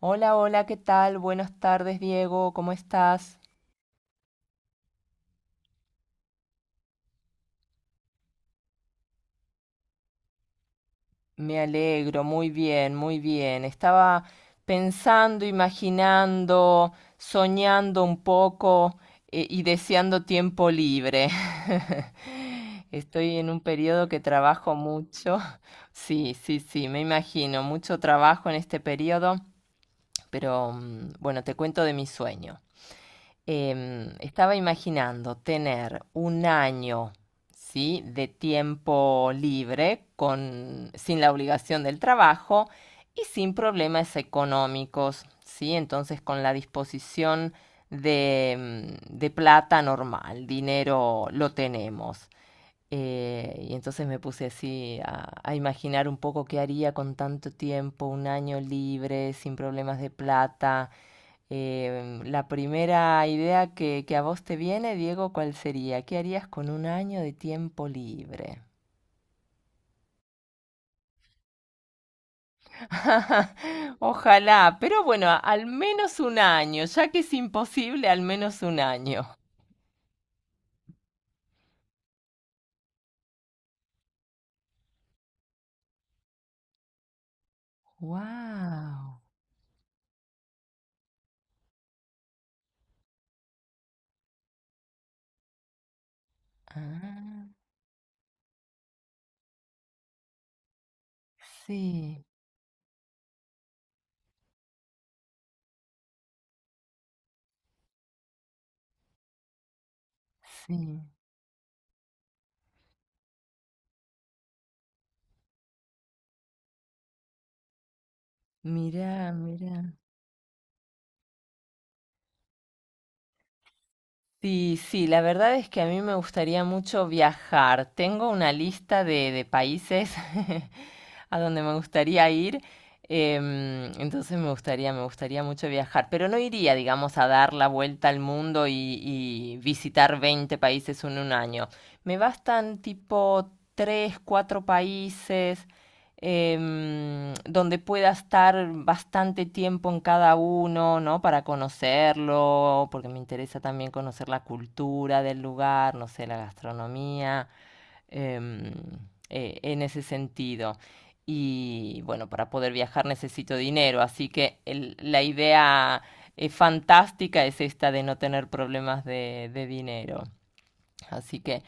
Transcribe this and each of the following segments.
Hola, hola, ¿qué tal? Buenas tardes, Diego, ¿cómo estás? Me alegro, muy bien, muy bien. Estaba pensando, imaginando, soñando un poco, y deseando tiempo libre. Estoy en un periodo que trabajo mucho. Sí, sí, sí, me imagino, mucho trabajo en este periodo, pero bueno, te cuento de mi sueño. Estaba imaginando tener un año, ¿sí?, de tiempo libre, con, sin la obligación del trabajo y sin problemas económicos, ¿sí? Entonces, con la disposición de plata normal, dinero lo tenemos. Y entonces me puse así a imaginar un poco qué haría con tanto tiempo, un año libre, sin problemas de plata. La primera idea que a vos te viene, Diego, ¿cuál sería? ¿Qué harías con un año de tiempo libre? Ojalá, pero bueno, al menos un año, ya que es imposible, al menos un año. Wow. Ah, sí, sí. Mirá, mirá. Sí, sí, la verdad es que a mí me gustaría mucho viajar. Tengo una lista de países a donde me gustaría ir. Entonces, me gustaría mucho viajar, pero no iría, digamos, a dar la vuelta al mundo y visitar 20 países en un año. Me bastan tipo 3, 4 países, donde pueda estar bastante tiempo en cada uno, ¿no? Para conocerlo, porque me interesa también conocer la cultura del lugar, no sé, la gastronomía, em, en ese sentido. Y bueno, para poder viajar necesito dinero, así que la idea, fantástica, es esta de no tener problemas de dinero. Así que,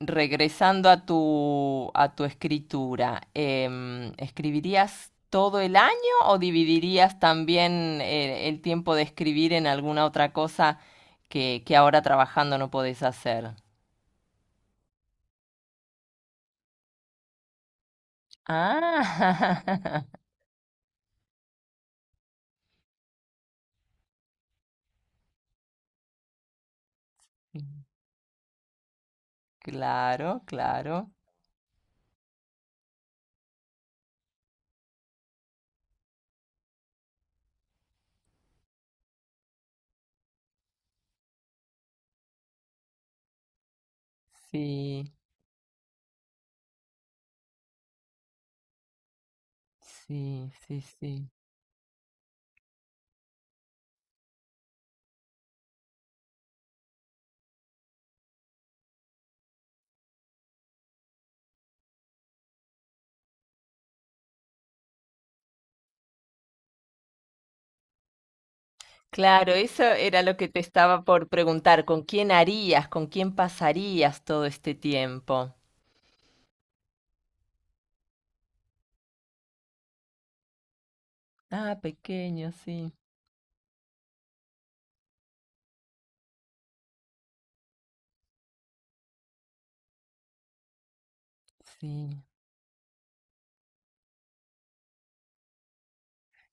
regresando a tu escritura, ¿escribirías todo el año o dividirías también el tiempo de escribir en alguna otra cosa que ahora trabajando no podés hacer? Ah, claro, claro. Sí, sí, sí, sí. Claro, eso era lo que te estaba por preguntar. ¿Con quién harías, con quién pasarías todo este tiempo? Ah, pequeño, sí, sí.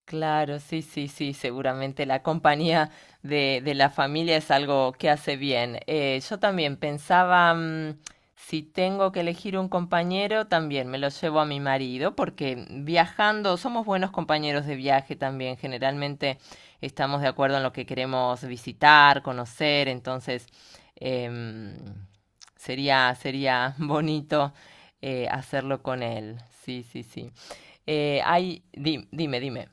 Claro, sí, sí, sí, seguramente la compañía de la familia es algo que hace bien. Yo también pensaba, si tengo que elegir un compañero, también me lo llevo a mi marido, porque viajando somos buenos compañeros de viaje también. Generalmente estamos de acuerdo en lo que queremos visitar, conocer. Entonces, em, sería bonito hacerlo con él. Sí, sí, sí. Dime, dime.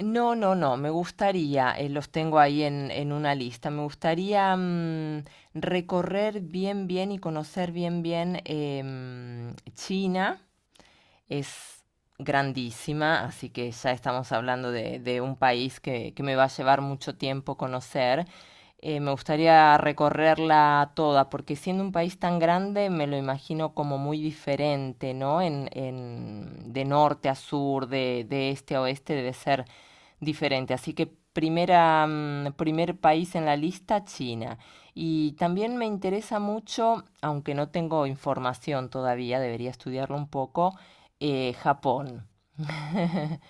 No, no, no, me gustaría, los tengo ahí en una lista, me gustaría recorrer bien, bien y conocer bien, bien, China es grandísima, así que ya estamos hablando de un país que me va a llevar mucho tiempo conocer. Me gustaría recorrerla toda, porque siendo un país tan grande me lo imagino como muy diferente, ¿no? De norte a sur, de este a oeste debe ser diferente. Así que, primer país en la lista, China. Y también me interesa mucho, aunque no tengo información todavía, debería estudiarlo un poco, Japón.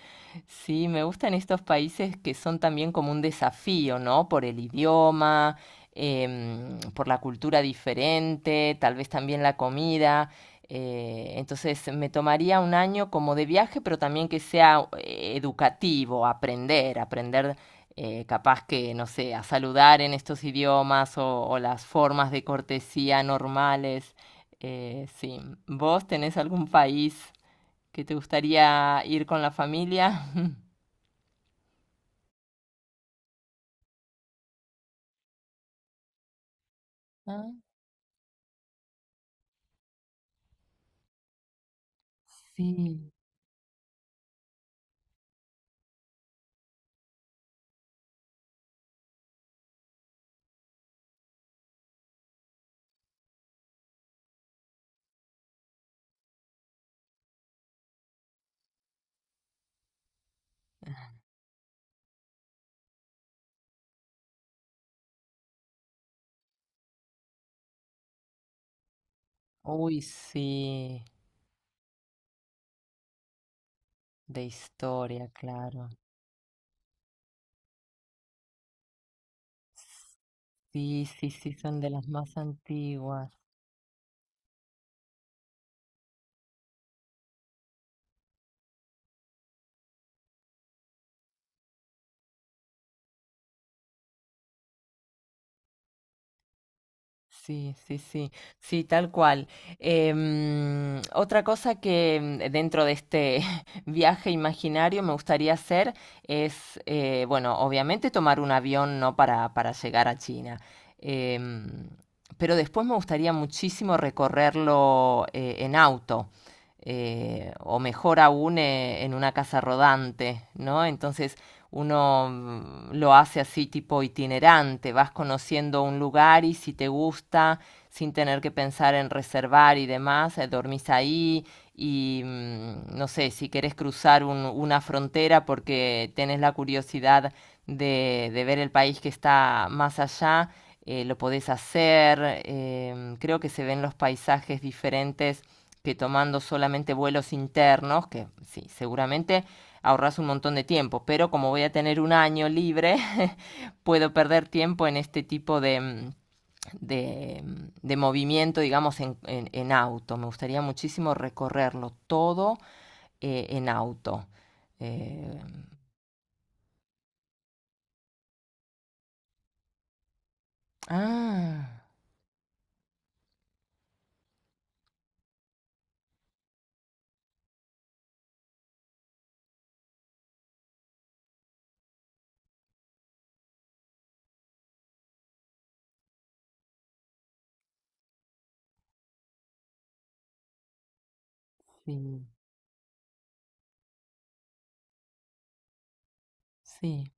Sí, me gustan estos países que son también como un desafío, ¿no? Por el idioma, por la cultura diferente, tal vez también la comida. Entonces me tomaría un año como de viaje, pero también que sea educativo, aprender capaz que, no sé, a saludar en estos idiomas, o las formas de cortesía normales. Sí, ¿vos tenés algún país que te gustaría ir con la familia? Ah, sí. Uy, sí. De historia, claro. Sí, sí, sí, son de las más antiguas. Sí, sí, sí, sí, tal cual. Otra cosa que, dentro de este viaje imaginario, me gustaría hacer es, bueno, obviamente tomar un avión, ¿no?, para llegar a China. Em, pero después me gustaría muchísimo recorrerlo en auto, o mejor aún, en una casa rodante, ¿no? Entonces, uno lo hace así, tipo itinerante, vas conociendo un lugar y, si te gusta, sin tener que pensar en reservar y demás, dormís ahí y, no sé, si querés cruzar una frontera porque tenés la curiosidad de ver el país que está más allá, lo podés hacer. Creo que se ven los paisajes diferentes que tomando solamente vuelos internos, que sí, seguramente ahorras un montón de tiempo, pero como voy a tener un año libre, puedo perder tiempo en este tipo de movimiento, digamos, en auto. Me gustaría muchísimo recorrerlo todo en auto. Eh, ah, sí, sí,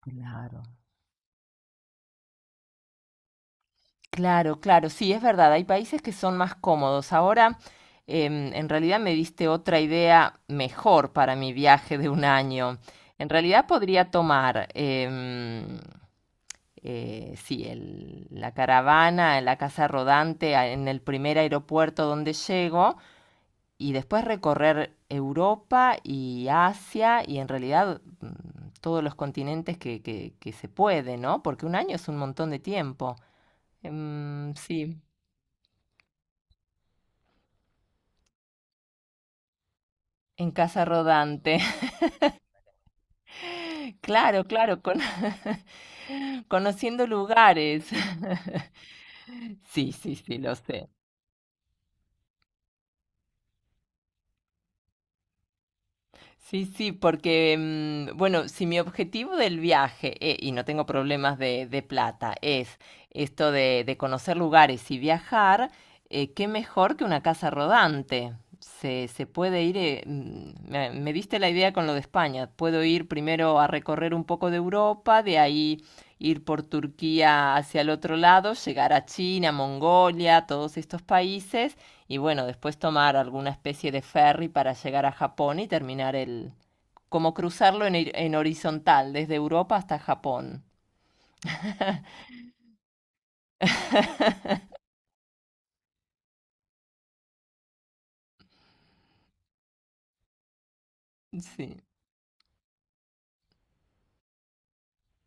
claro. Claro, claro, sí, es verdad, hay países que son más cómodos. Ahora, en realidad me diste otra idea mejor para mi viaje de un año. En realidad podría tomar, sí, la caravana, la casa rodante, en el primer aeropuerto donde llego, y después recorrer Europa y Asia y, en realidad, todos los continentes que se puede, ¿no? Porque un año es un montón de tiempo. Sí. En casa rodante. Claro, claro, conociendo lugares. Sí, sí, sí, lo sé. Sí, sí, porque, bueno, si mi objetivo del viaje, y no tengo problemas de plata, es esto de conocer lugares y viajar, qué mejor que una casa rodante. Se puede ir, me diste la idea con lo de España, puedo ir primero a recorrer un poco de Europa, de ahí ir por Turquía hacia el otro lado, llegar a China, Mongolia, todos estos países, y bueno, después tomar alguna especie de ferry para llegar a Japón y terminar como cruzarlo en horizontal, desde Europa hasta Japón. Sí.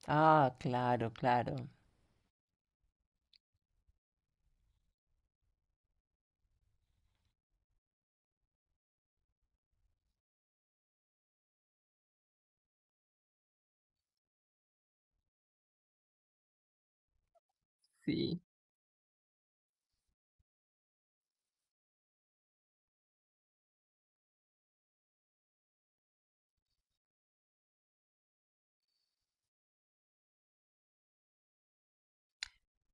Ah, claro, claro. Sí.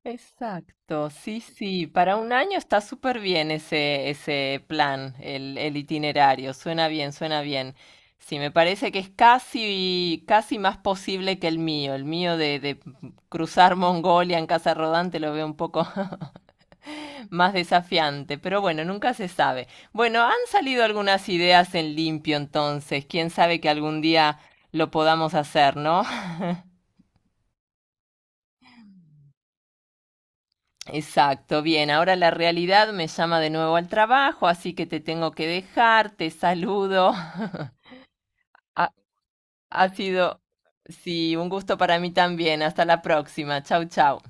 Exacto, sí, sí. Para un año está súper bien ese plan, el itinerario. Suena bien, suena bien. Sí, me parece que es casi, casi más posible que el mío. El mío de, cruzar Mongolia en casa rodante lo veo un poco más desafiante, pero bueno, nunca se sabe. Bueno, han salido algunas ideas en limpio, entonces quién sabe, que algún día lo podamos hacer, ¿no? Exacto, bien, ahora la realidad me llama de nuevo al trabajo, así que te tengo que dejar, te saludo. Ha, ha sido, sí, un gusto para mí también. Hasta la próxima. Chau, chau.